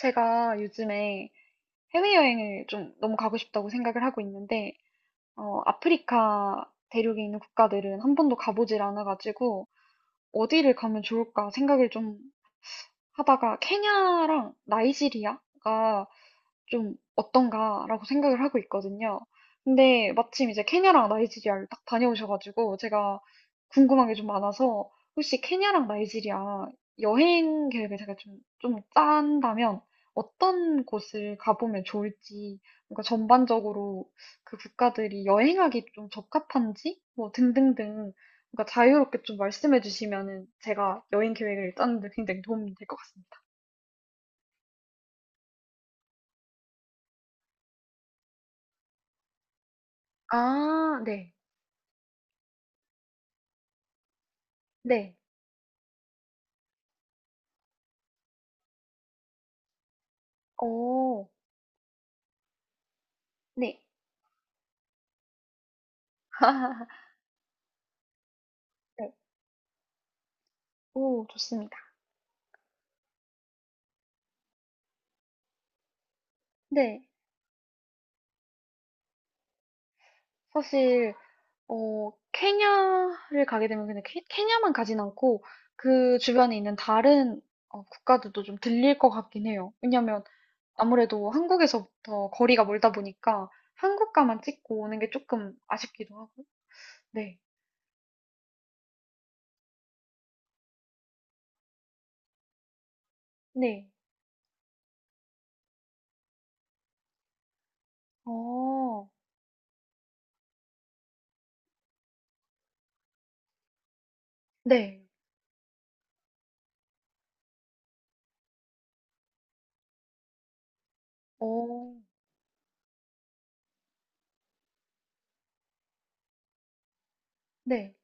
제가 요즘에 해외여행을 좀 너무 가고 싶다고 생각을 하고 있는데, 아프리카 대륙에 있는 국가들은 한 번도 가보질 않아가지고, 어디를 가면 좋을까 생각을 좀 하다가 케냐랑 나이지리아가 좀 어떤가라고 생각을 하고 있거든요. 근데 마침 이제 케냐랑 나이지리아를 딱 다녀오셔가지고 제가 궁금한 게 좀 많아서 혹시 케냐랑 나이지리아 여행 계획을 제가 좀 짠다면 어떤 곳을 가보면 좋을지, 그러니까 전반적으로 그 국가들이 여행하기 좀 적합한지, 뭐 등등등 그러니까 자유롭게 좀 말씀해 주시면은 제가 여행 계획을 짜는 데 굉장히 도움이 될 것 같습니다. 아, 네. 네. 어, 네. 네. 오, 좋습니다. 네. 사실 케냐를 가게 되면 그냥 케, 케냐만 가진 않고 그 주변에 있는 다른 국가들도 좀 들릴 것 같긴 해요. 왜냐면 아무래도 한국에서부터 거리가 멀다 보니까 한국가만 찍고 오는 게 조금 아쉽기도 하고. 네. 네. 어, 네. 어. 네.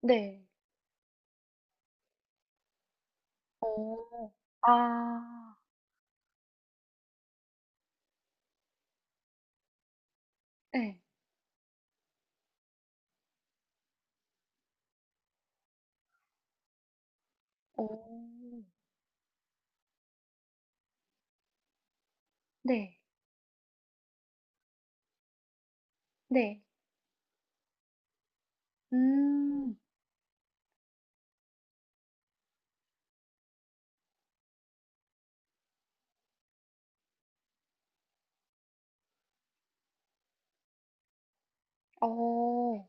네. 어. 아. 네, 어. 네. 네. 음. 어.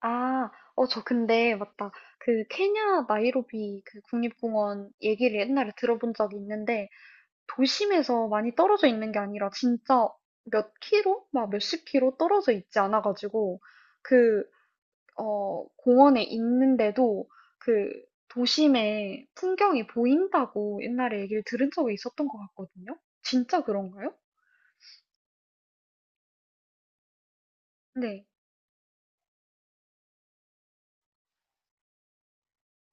아. 저 근데 맞다. 그 케냐 나이로비 그 국립공원 얘기를 옛날에 들어본 적이 있는데 도심에서 많이 떨어져 있는 게 아니라 진짜 몇 킬로? 막 몇십 킬로 떨어져 있지 않아 가지고 그 공원에 있는데도 그 도심의 풍경이 보인다고 옛날에 얘기를 들은 적이 있었던 것 같거든요. 진짜 그런가요? 네.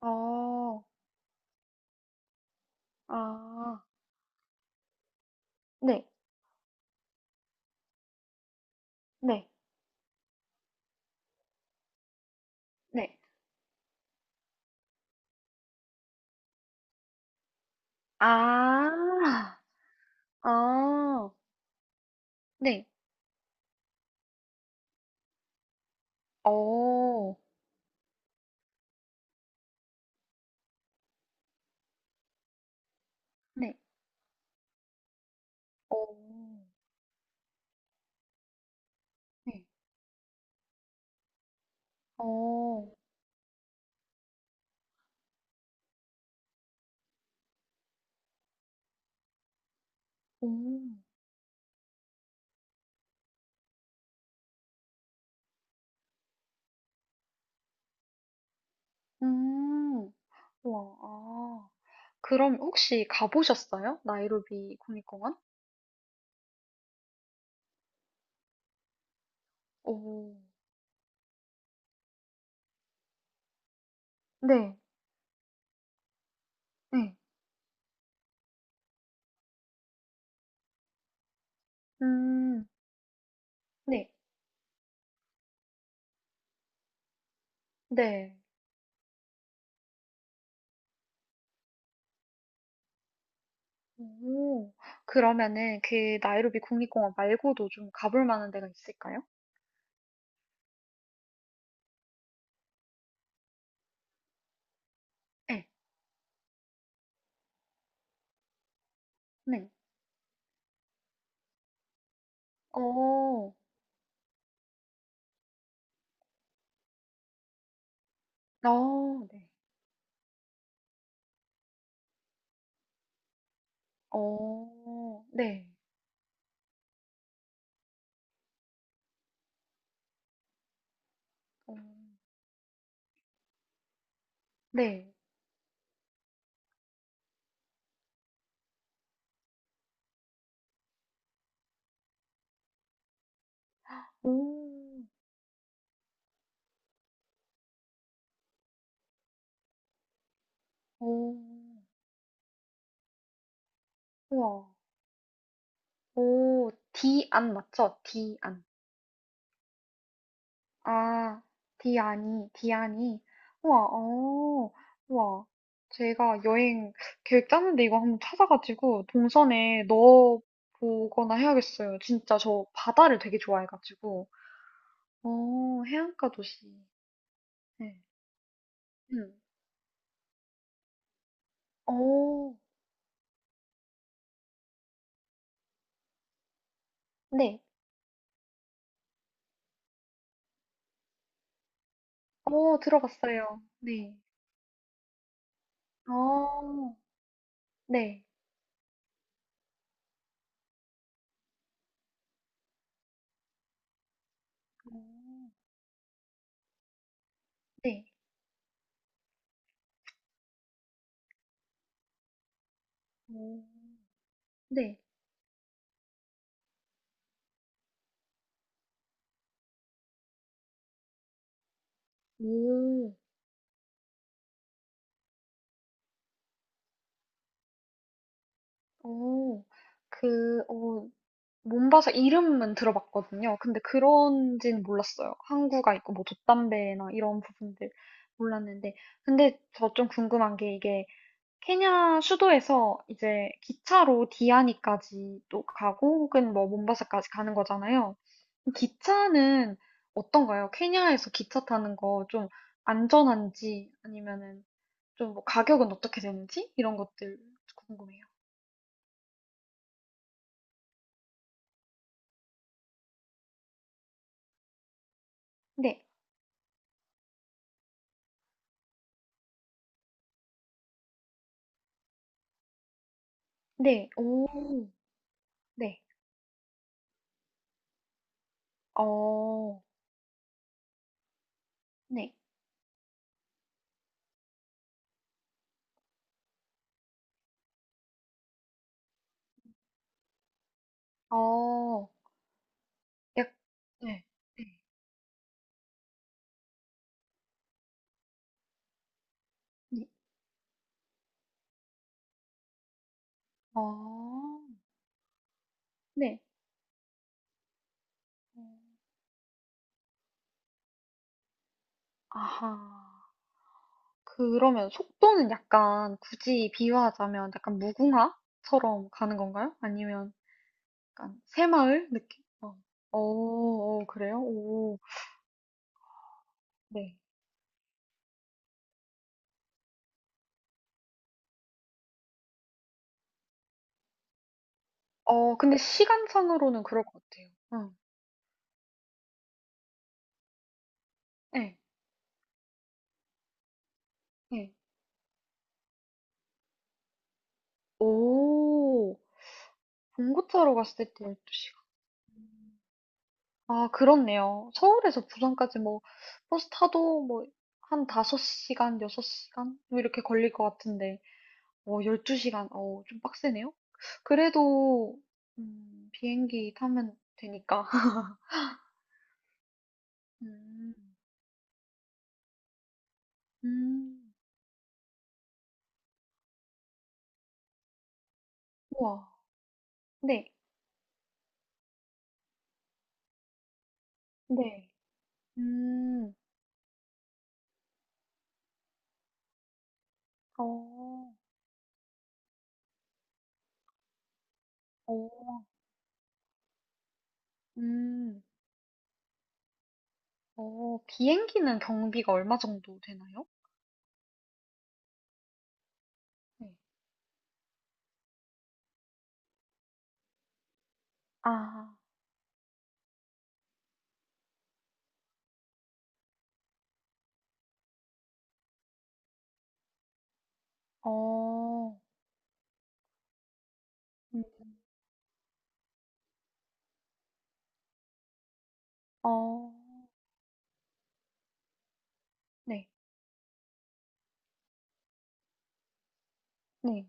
어, 아, 네, 네, 네. 아, 아, 네. 어, 네. 어, 네. 어, 음, 음, 와, 아. 그럼 혹시 가보셨어요? 나이로비 국립공원? 오, 네, 네. 음. 네. 네. 오. 그러면은 그 나이로비 국립공원 말고도 좀 가볼 만한 데가 있을까요? 네 네. 어. 어. 네. 어. 네. 어. 네. 오. 오. 우와. 오. 디안 맞죠? 디안. 아, 디아니, 디아니. 우와, 우와. 제가 여행 계획 짜는데 이거 한번 찾아가지고 동선에 넣어보거나 해야겠어요. 진짜 저 바다를 되게 좋아해가지고. 해안가 도시. 네. 음. 어, 네. 어, 들어봤어요. 네. 어, 네. 어, 네. 오, 네. 오, 오. 그, 어, 몸바사 이름은 들어봤거든요. 근데 그런지는 몰랐어요. 항구가 있고 뭐 돛담배나 이런 부분들 몰랐는데. 근데 저 좀 궁금한 게 이게 케냐 수도에서 이제 기차로 디아니까지 또 가고 혹은 뭐 몸바사까지 가는 거잖아요. 기차는 어떤가요? 케냐에서 기차 타는 거 좀 안전한지 아니면은 좀 뭐 가격은 어떻게 되는지 이런 것들 궁금해요. 네, 네, 오, 네, 어. 네. 어. 약 네. 네. 네. 어. 네. 어. 아하. 그러면 속도는 약간 굳이 비유하자면 약간 무궁화처럼 가는 건가요? 아니면 약간 새마을 느낌? 어. 어, 그래요? 오. 네. 근데 시간상으로는 그럴 것 같아요. 응. 네. 네. 오. 봉고차로 갔을 때 12시간. 아, 그렇네요. 서울에서 부산까지 뭐, 버스 타도 뭐, 한 5시간, 6시간? 뭐 이렇게 걸릴 것 같은데, 12시간, 좀 빡세네요? 그래도, 비행기 타면 되니까. 음, 음, 우와, 네, 네, 음, 어, 어, 음, 비행기는 경비가 얼마 정도 되나요? 네. 아, 어, 음, 어, 네. 네.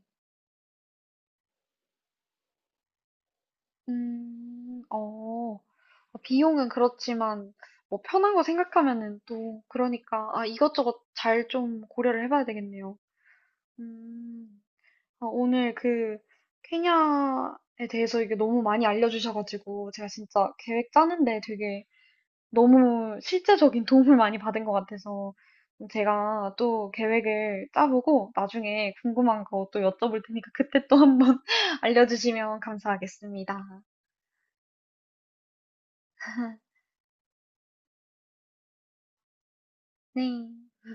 어, 어, 비용은 그렇지만, 뭐, 편한 거 생각하면은 또, 그러니까, 아, 이것저것 잘 좀 고려를 해봐야 되겠네요. 음, 아, 오늘 케냐에 대해서 이게 너무 많이 알려주셔가지고, 제가 진짜 계획 짜는데 되게 너무 실제적인 도움을 많이 받은 것 같아서, 제가 또 계획을 짜보고, 나중에 궁금한 거 또 여쭤볼 테니까, 그때 또 한번 알려주시면 감사하겠습니다. 네.